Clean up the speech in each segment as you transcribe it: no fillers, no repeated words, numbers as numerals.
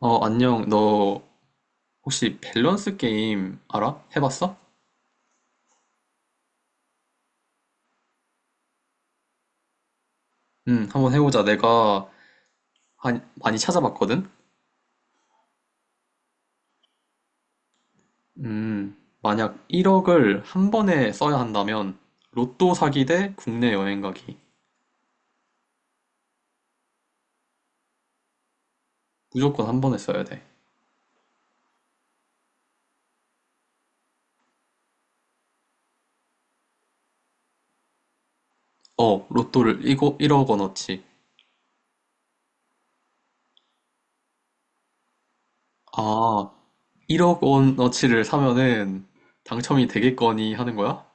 어, 안녕. 너 혹시 밸런스 게임 알아? 해봤어? 응, 한번 해보자. 내가 많이 찾아봤거든? 음, 만약 1억을 한 번에 써야 한다면, 로또 사기 대 국내 여행 가기. 무조건 한 번에 써야 돼. 어, 로또를 이거 1억 원어치. 아, 1억 원어치를 사면은 당첨이 되겠거니 하는 거야?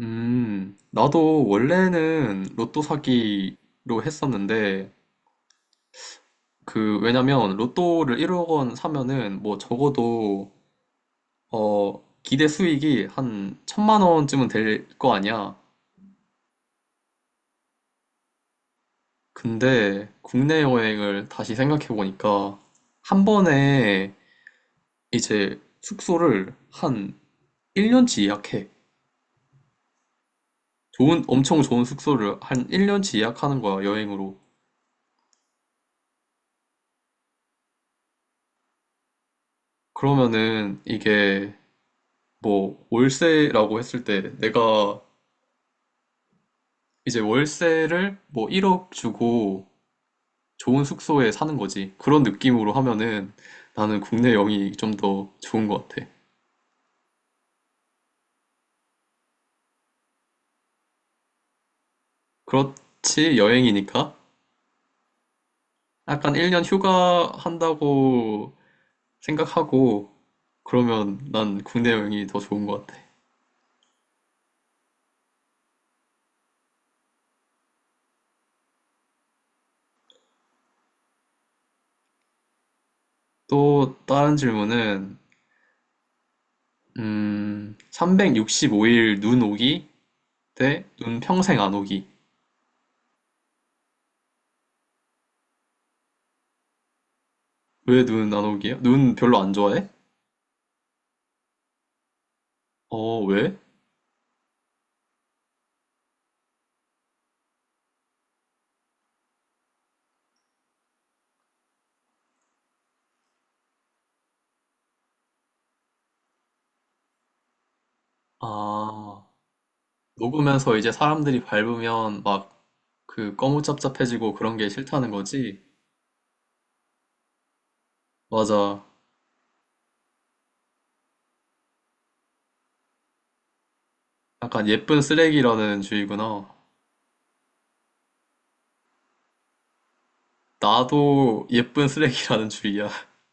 나도 원래는 로또 사기로 했었는데, 왜냐면, 로또를 1억 원 사면은, 뭐, 적어도, 기대 수익이 한 천만 원쯤은 될 거 아니야. 근데, 국내 여행을 다시 생각해보니까, 한 번에, 이제, 숙소를 한 1년치 예약해. 좋은, 엄청 좋은 숙소를 한 1년치 예약하는 거야, 여행으로. 그러면은, 이게, 뭐, 월세라고 했을 때, 내가, 이제 월세를 뭐 1억 주고, 좋은 숙소에 사는 거지. 그런 느낌으로 하면은 나는 국내 여행이 좀 더 좋은 것 같아. 그렇지, 여행이니까. 약간 1년 휴가 한다고 생각하고 그러면 난 국내 여행이 더 좋은 것 같아. 또 다른 질문은, 365일 눈 오기 대 눈 평생 안 오기. 왜 눈 안 오기야? 눈 별로 안 좋아해? 어, 왜? 아, 녹으면서 이제 사람들이 밟으면 막 그 거무잡잡해지고 그런 게 싫다는 거지? 맞아. 약간 예쁜 쓰레기라는 주의구나. 나도 예쁜 쓰레기라는 주의야.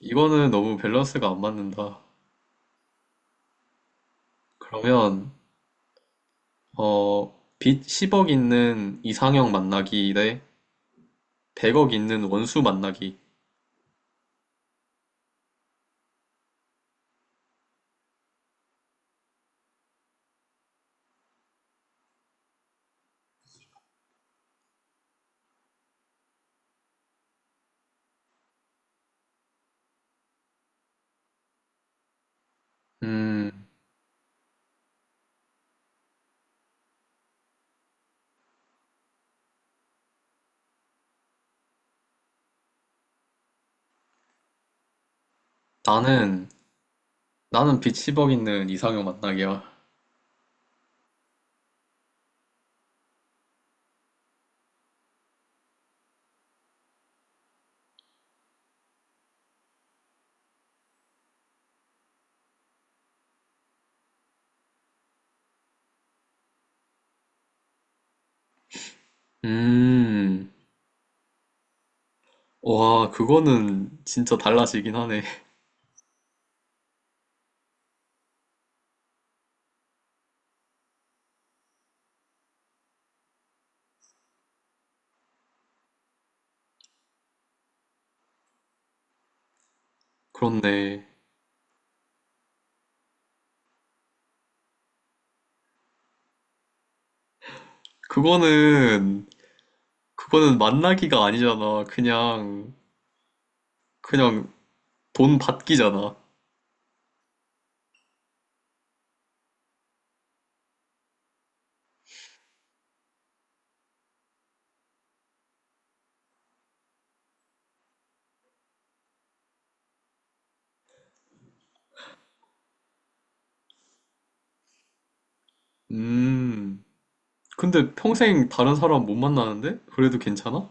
이거는 너무 밸런스가 안 맞는다. 그러면 어, 빚 10억 있는 이상형 만나기 대 100억 있는 원수 만나기. 음, 나는 나는 빚 10억 있는 이상형 만나기야. 음, 와, 그거는 진짜 달라지긴 하네. 그렇네. 그거는 그거는 만나기가 아니잖아. 그냥, 그냥 돈 받기잖아. 음. 근데 평생 다른 사람 못 만나는데? 그래도 괜찮아?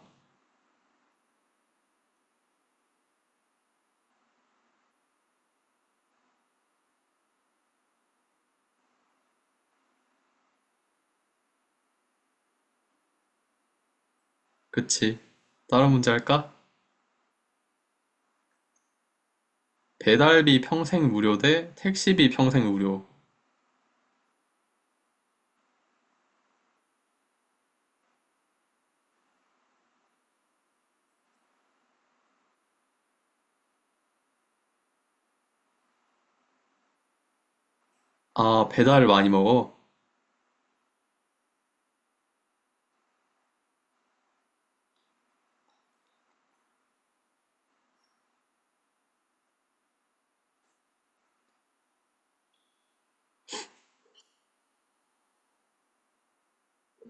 그치. 다른 문제 할까? 배달비 평생 무료 대 택시비 평생 무료. 아, 배달 많이 먹어?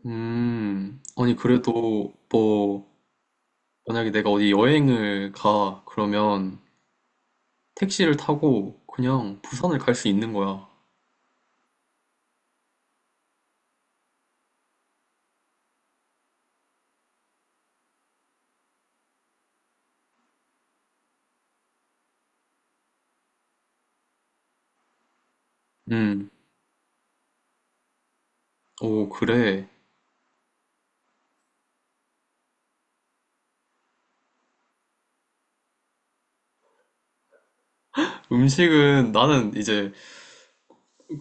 음. 아니, 그래도 뭐, 만약에 내가 어디 여행을 가, 그러면 택시를 타고 그냥 부산을 갈 수 있는 거야. 음. 오, 그래. 음식은 나는 이제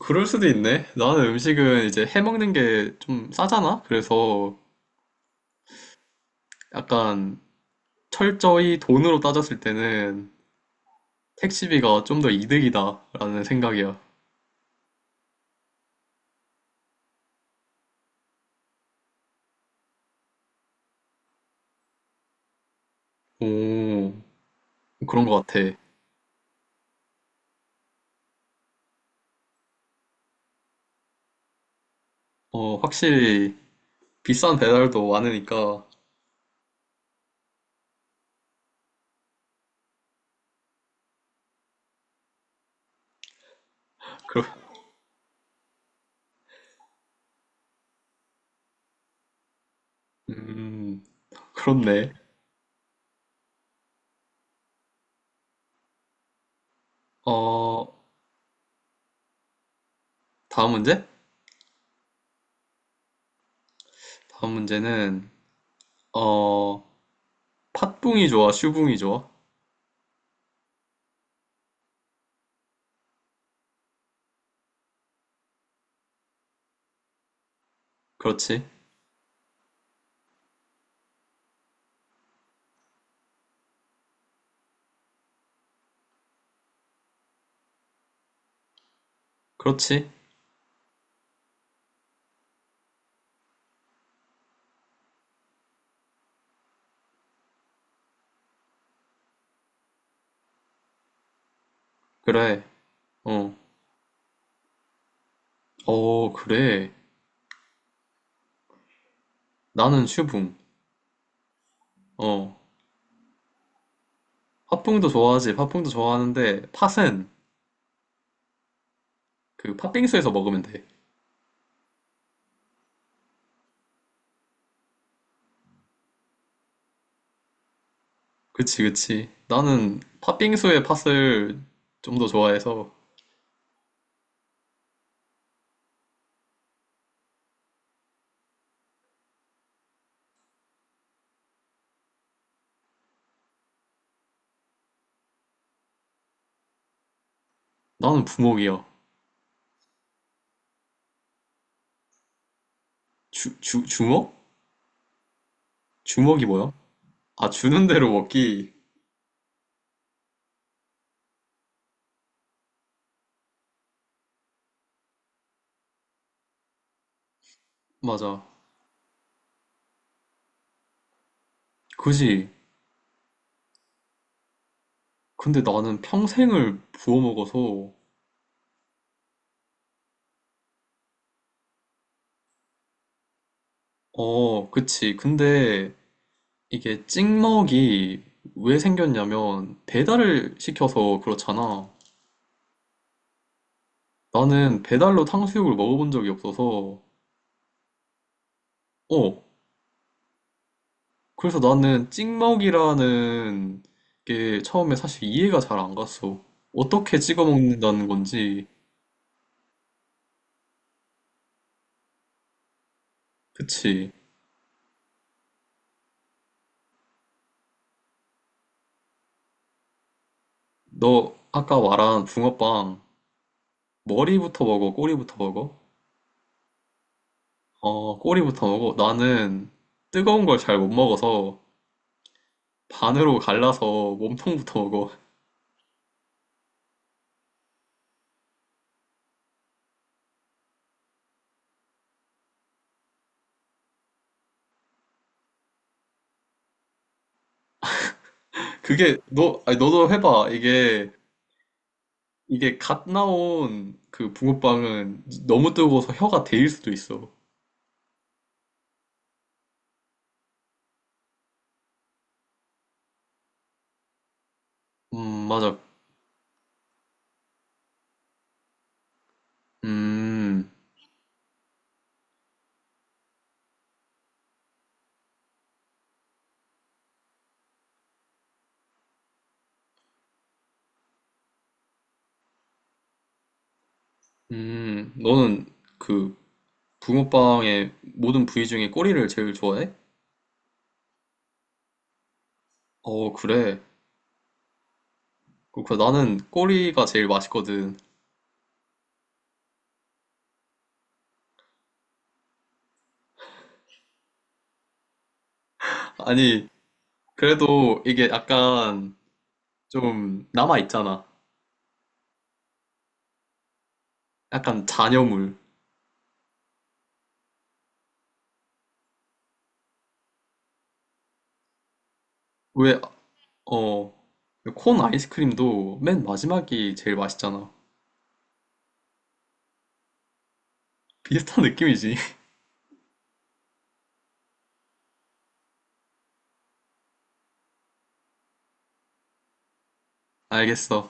그럴 수도 있네. 나는 음식은 이제 해먹는 게 좀 싸잖아? 그래서 약간 철저히 돈으로 따졌을 때는 택시비가 좀 더 이득이다라는 생각이야. 오, 그런 것 같아. 어, 확실히 비싼 배달도 많으니까. 그러, 음, 그렇네. 어, 다음 문제? 다음 문제는, 어, 팥붕이 좋아, 슈붕이 좋아? 그렇지. 그렇지. 그래. 어, 어, 그래. 나는 슈붕. 어, 팥붕도 좋아하지. 팥붕도 좋아하는데 팥은 그 팥빙수에서 먹으면 돼. 그치, 그치. 나는 팥빙수의 팥을 좀 더 좋아해서 나는 부먹이야. 주먹? 주먹이 뭐야? 아, 주는 대로 먹기. 맞아. 그지. 근데 나는 평생을 부어 먹어서 어, 그치. 근데 이게 찍먹이 왜 생겼냐면 배달을 시켜서 그렇잖아. 나는 배달로 탕수육을 먹어본 적이 없어서 어, 그래서 나는 찍먹이라는 게 처음에 사실 이해가 잘 안 갔어. 어떻게 찍어 먹는다는 건지. 그치. 너 아까 말한 붕어빵, 머리부터 먹어, 꼬리부터 먹어? 어, 꼬리부터 먹어. 나는 뜨거운 걸 잘 못 먹어서 반으로 갈라서 몸통부터 먹어. 그게, 너, 아니, 너도 해봐. 이게 갓 나온 그 붕어빵은 너무 뜨거워서 혀가 데일 수도 있어. 맞아. 음. 너는 그 붕어빵의 모든 부위 중에 꼬리를 제일 좋아해? 어, 그래. 그렇구나. 나는 꼬리가 제일 맛있거든. 아니, 그래도 이게 약간 좀 남아있잖아. 약간 잔여물. 왜, 어, 콘 아이스크림도 맨 마지막이 제일 맛있잖아. 비슷한 느낌이지. 알겠어.